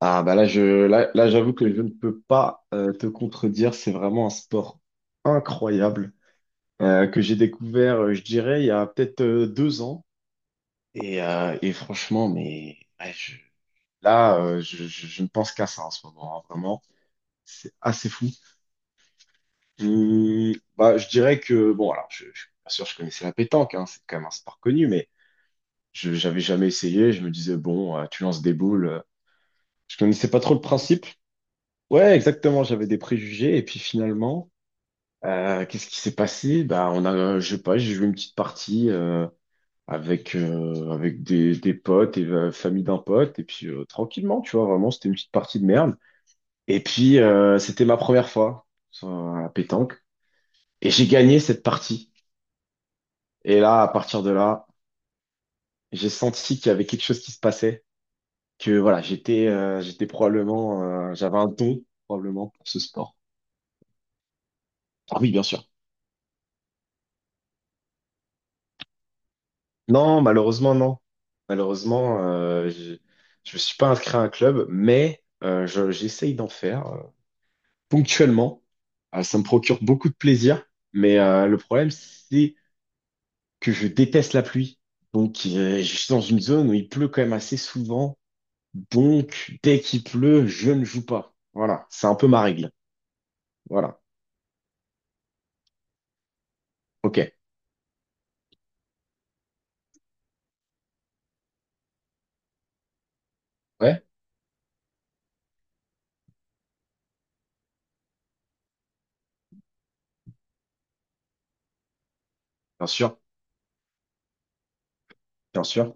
Ah bah, là, là, j'avoue que je ne peux pas te contredire. C'est vraiment un sport incroyable que j'ai découvert, je dirais, il y a peut-être deux ans. Et franchement, mais ouais, là, je ne pense qu'à ça en ce moment, hein, vraiment. C'est assez fou. Bah, je dirais que, bon, alors, bien sûr, je connaissais la pétanque, hein, c'est quand même un sport connu, mais je j'avais jamais essayé. Je me disais, bon, tu lances des boules. Je connaissais pas trop le principe. Ouais, exactement, j'avais des préjugés. Et puis finalement, qu'est-ce qui s'est passé? Bah, on a, je sais pas, j'ai joué une petite partie avec des potes et la famille d'un pote et puis tranquillement, tu vois, vraiment, c'était une petite partie de merde. Et puis c'était ma première fois sur la pétanque et j'ai gagné cette partie. Et là, à partir de là, j'ai senti qu'il y avait quelque chose qui se passait, que voilà, j'étais probablement, j'avais un don probablement pour ce sport. Ah oui, bien sûr. Non, malheureusement, non. Malheureusement, je me suis pas inscrit à un club, mais j'essaye d'en faire ponctuellement. Ça me procure beaucoup de plaisir, mais le problème, c'est que je déteste la pluie. Donc, je suis dans une zone où il pleut quand même assez souvent. Donc, dès qu'il pleut, je ne joue pas. Voilà, c'est un peu ma règle. Voilà. OK. Ouais, bien sûr, bien sûr,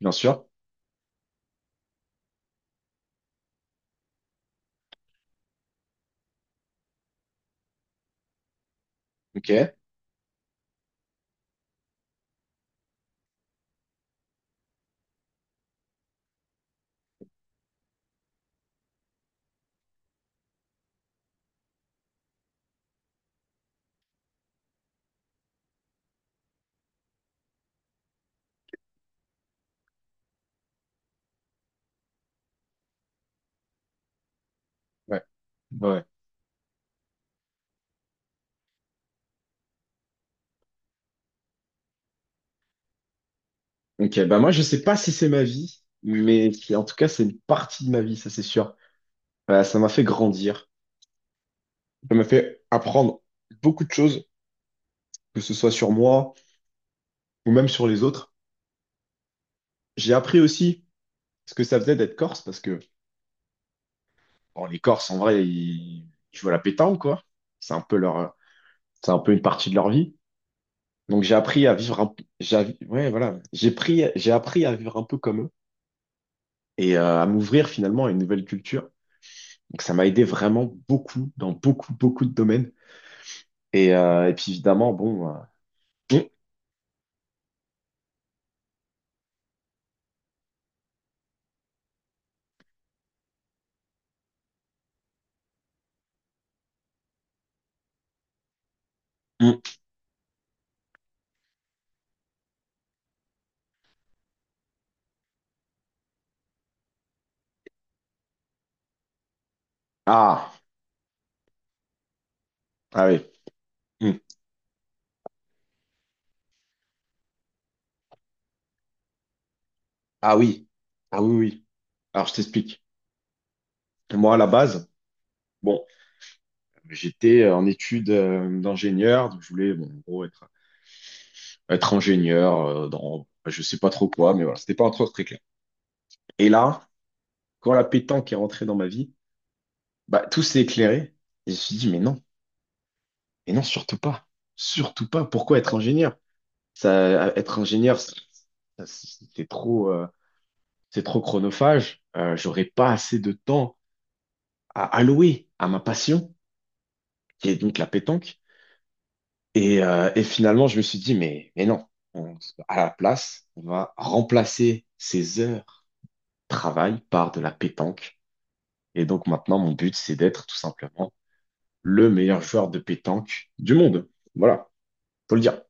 bien sûr. OK. Ouais. Ouais. Ok, bah moi je sais pas si c'est ma vie, mais en tout cas c'est une partie de ma vie, ça c'est sûr. Ça m'a fait grandir, ça m'a fait apprendre beaucoup de choses, que ce soit sur moi ou même sur les autres. J'ai appris aussi ce que ça faisait d'être corse, parce que bon, les Corses en vrai, ils, tu vois, la pétanque quoi. C'est un peu leur, c'est un peu une partie de leur vie. Donc ouais voilà, j'ai appris à vivre un peu comme eux et à m'ouvrir finalement à une nouvelle culture. Donc ça m'a aidé vraiment beaucoup dans beaucoup beaucoup de domaines. Et puis évidemment, bon. Hum, hum. Ah, ah oui. Hum. Ah oui. Ah oui, oui. Alors je t'explique. Moi, à la base, bon, j'étais en études d'ingénieur, donc je voulais, bon, en gros, être ingénieur dans enfin, je sais pas trop quoi, mais voilà, c'était pas encore très clair. Et là, quand la pétanque est rentrée dans ma vie, bah tout s'est éclairé. Et je me suis dit, mais non, surtout pas. Surtout pas. Pourquoi être ingénieur? Ça, être ingénieur, c'est trop. C'est trop chronophage, j'aurais pas assez de temps à allouer à ma passion, qui est donc la pétanque. Et finalement, je me suis dit, mais non, on- à la place, on va remplacer ces heures de travail par de la pétanque. Et donc maintenant, mon but, c'est d'être tout simplement le meilleur joueur de pétanque du monde. Voilà, faut le dire.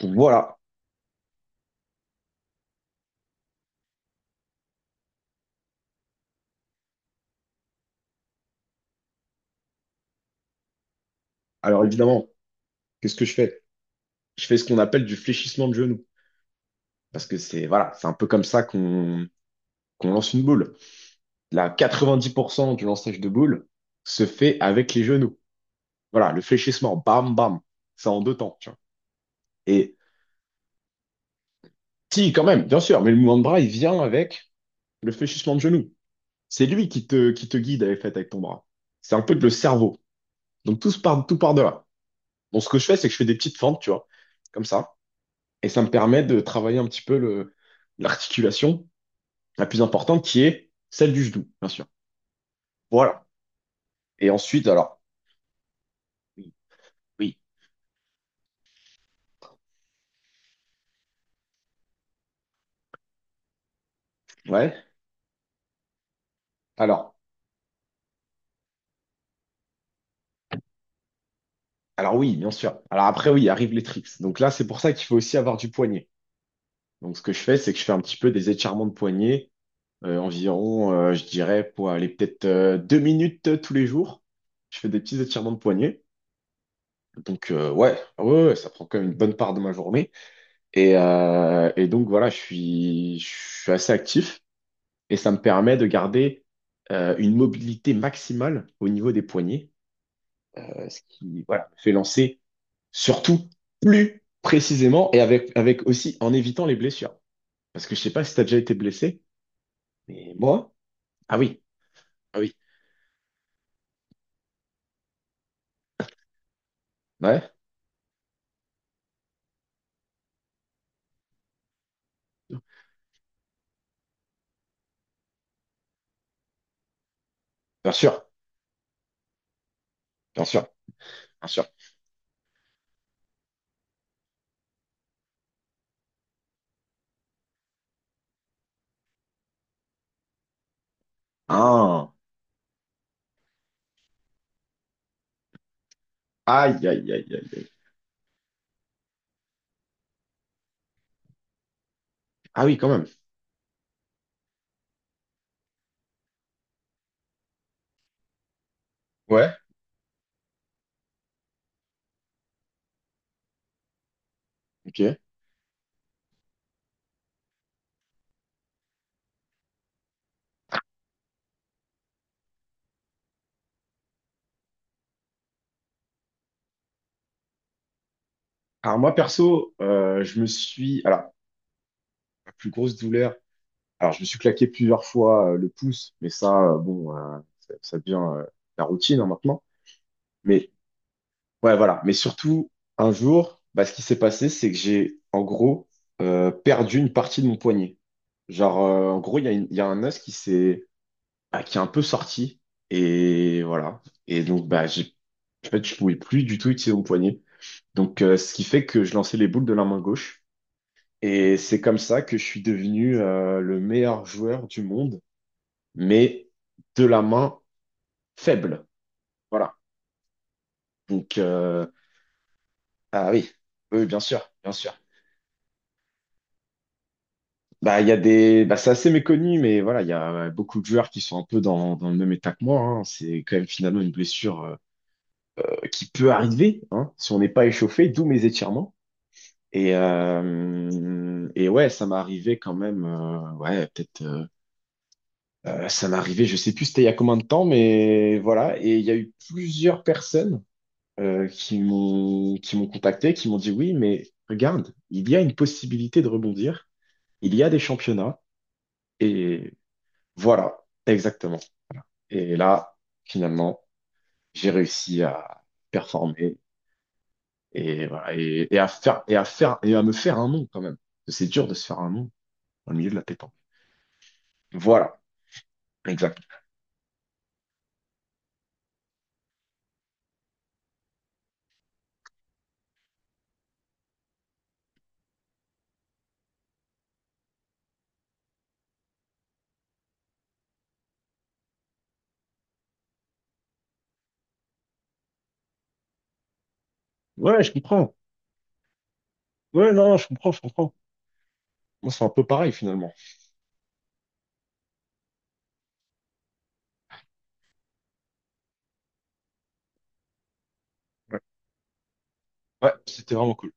Donc voilà. Alors évidemment, qu'est-ce que je fais? Je fais ce qu'on appelle du fléchissement de genou. Parce que c'est, voilà, c'est un peu comme ça qu'on lance une boule. La 90% du lançage de boule se fait avec les genoux. Voilà, le fléchissement, bam, bam, ça en deux temps, tu vois. Et si, quand même, bien sûr, mais le mouvement de bras, il vient avec le fléchissement de genou. C'est lui qui te guide avec, fait, avec ton bras. C'est un peu le cerveau. Donc tout se part, tout part de là. Bon, ce que je fais, c'est que je fais des petites fentes, tu vois, comme ça. Et ça me permet de travailler un petit peu le, l'articulation la plus importante qui est celle du genou, bien sûr. Voilà. Et ensuite, alors, oui, oui, ouais. Alors, Alors oui, bien sûr. Alors après, oui, arrivent les trips. Donc là, c'est pour ça qu'il faut aussi avoir du poignet. Donc ce que je fais, c'est que je fais un petit peu des étirements de poignet, environ, je dirais, pour aller peut-être deux minutes tous les jours. Je fais des petits étirements de poignet. Donc ouais, ouais, ouais, ouais, ça prend quand même une bonne part de ma journée. Et donc voilà, je suis assez actif et ça me permet de garder une mobilité maximale au niveau des poignets, ce qui voilà, me fait lancer surtout plus précisément et avec aussi en évitant les blessures. Parce que je sais pas si tu as déjà été blessé, mais moi, ah oui, ah oui, ouais, bien sûr, bien sûr, bien sûr. Ah, aïe, aïe, aïe, aïe, aïe. Ah oui, quand même. Ouais, ok. Alors moi, perso, je me suis, alors, la plus grosse douleur, alors je me suis claqué plusieurs fois le pouce, mais ça, bon, ça, ça devient la routine hein, maintenant. Mais ouais, voilà. Mais surtout, un jour, bah, ce qui s'est passé, c'est que j'ai, en gros, perdu une partie de mon poignet. Genre, en gros, il y a un os qui s'est, ah, qui est un peu sorti. Et voilà. Et donc, bah, en fait, je pouvais plus du tout utiliser mon poignet. Donc, ce qui fait que je lançais les boules de la main gauche. Et c'est comme ça que je suis devenu, le meilleur joueur du monde, mais de la main faible. Voilà. Donc, ah oui, oui, bien sûr, bien sûr. Bah, il y a des, bah, c'est assez méconnu, mais voilà, il y a ouais, beaucoup de joueurs qui sont un peu dans le même état que moi, hein. C'est quand même finalement une blessure qui peut arriver, hein, si on n'est pas échauffé, d'où mes étirements. Et ouais, ça m'est arrivé quand même. Ouais, peut-être. Ça m'est arrivé, je sais plus c'était il y a combien de temps, mais voilà. Et il y a eu plusieurs personnes qui m'ont contacté, qui m'ont dit oui, mais regarde, il y a une possibilité de rebondir. Il y a des championnats. Et voilà, exactement. Et là, finalement, j'ai réussi à performer et voilà, et à me faire un nom quand même. Parce que c'est dur de se faire un nom dans le milieu de la pétanque. Voilà, exact. Ouais, je comprends. Ouais, non, je comprends, je comprends. Moi, c'est un peu pareil finalement. Ouais, ouais, c'était vraiment cool.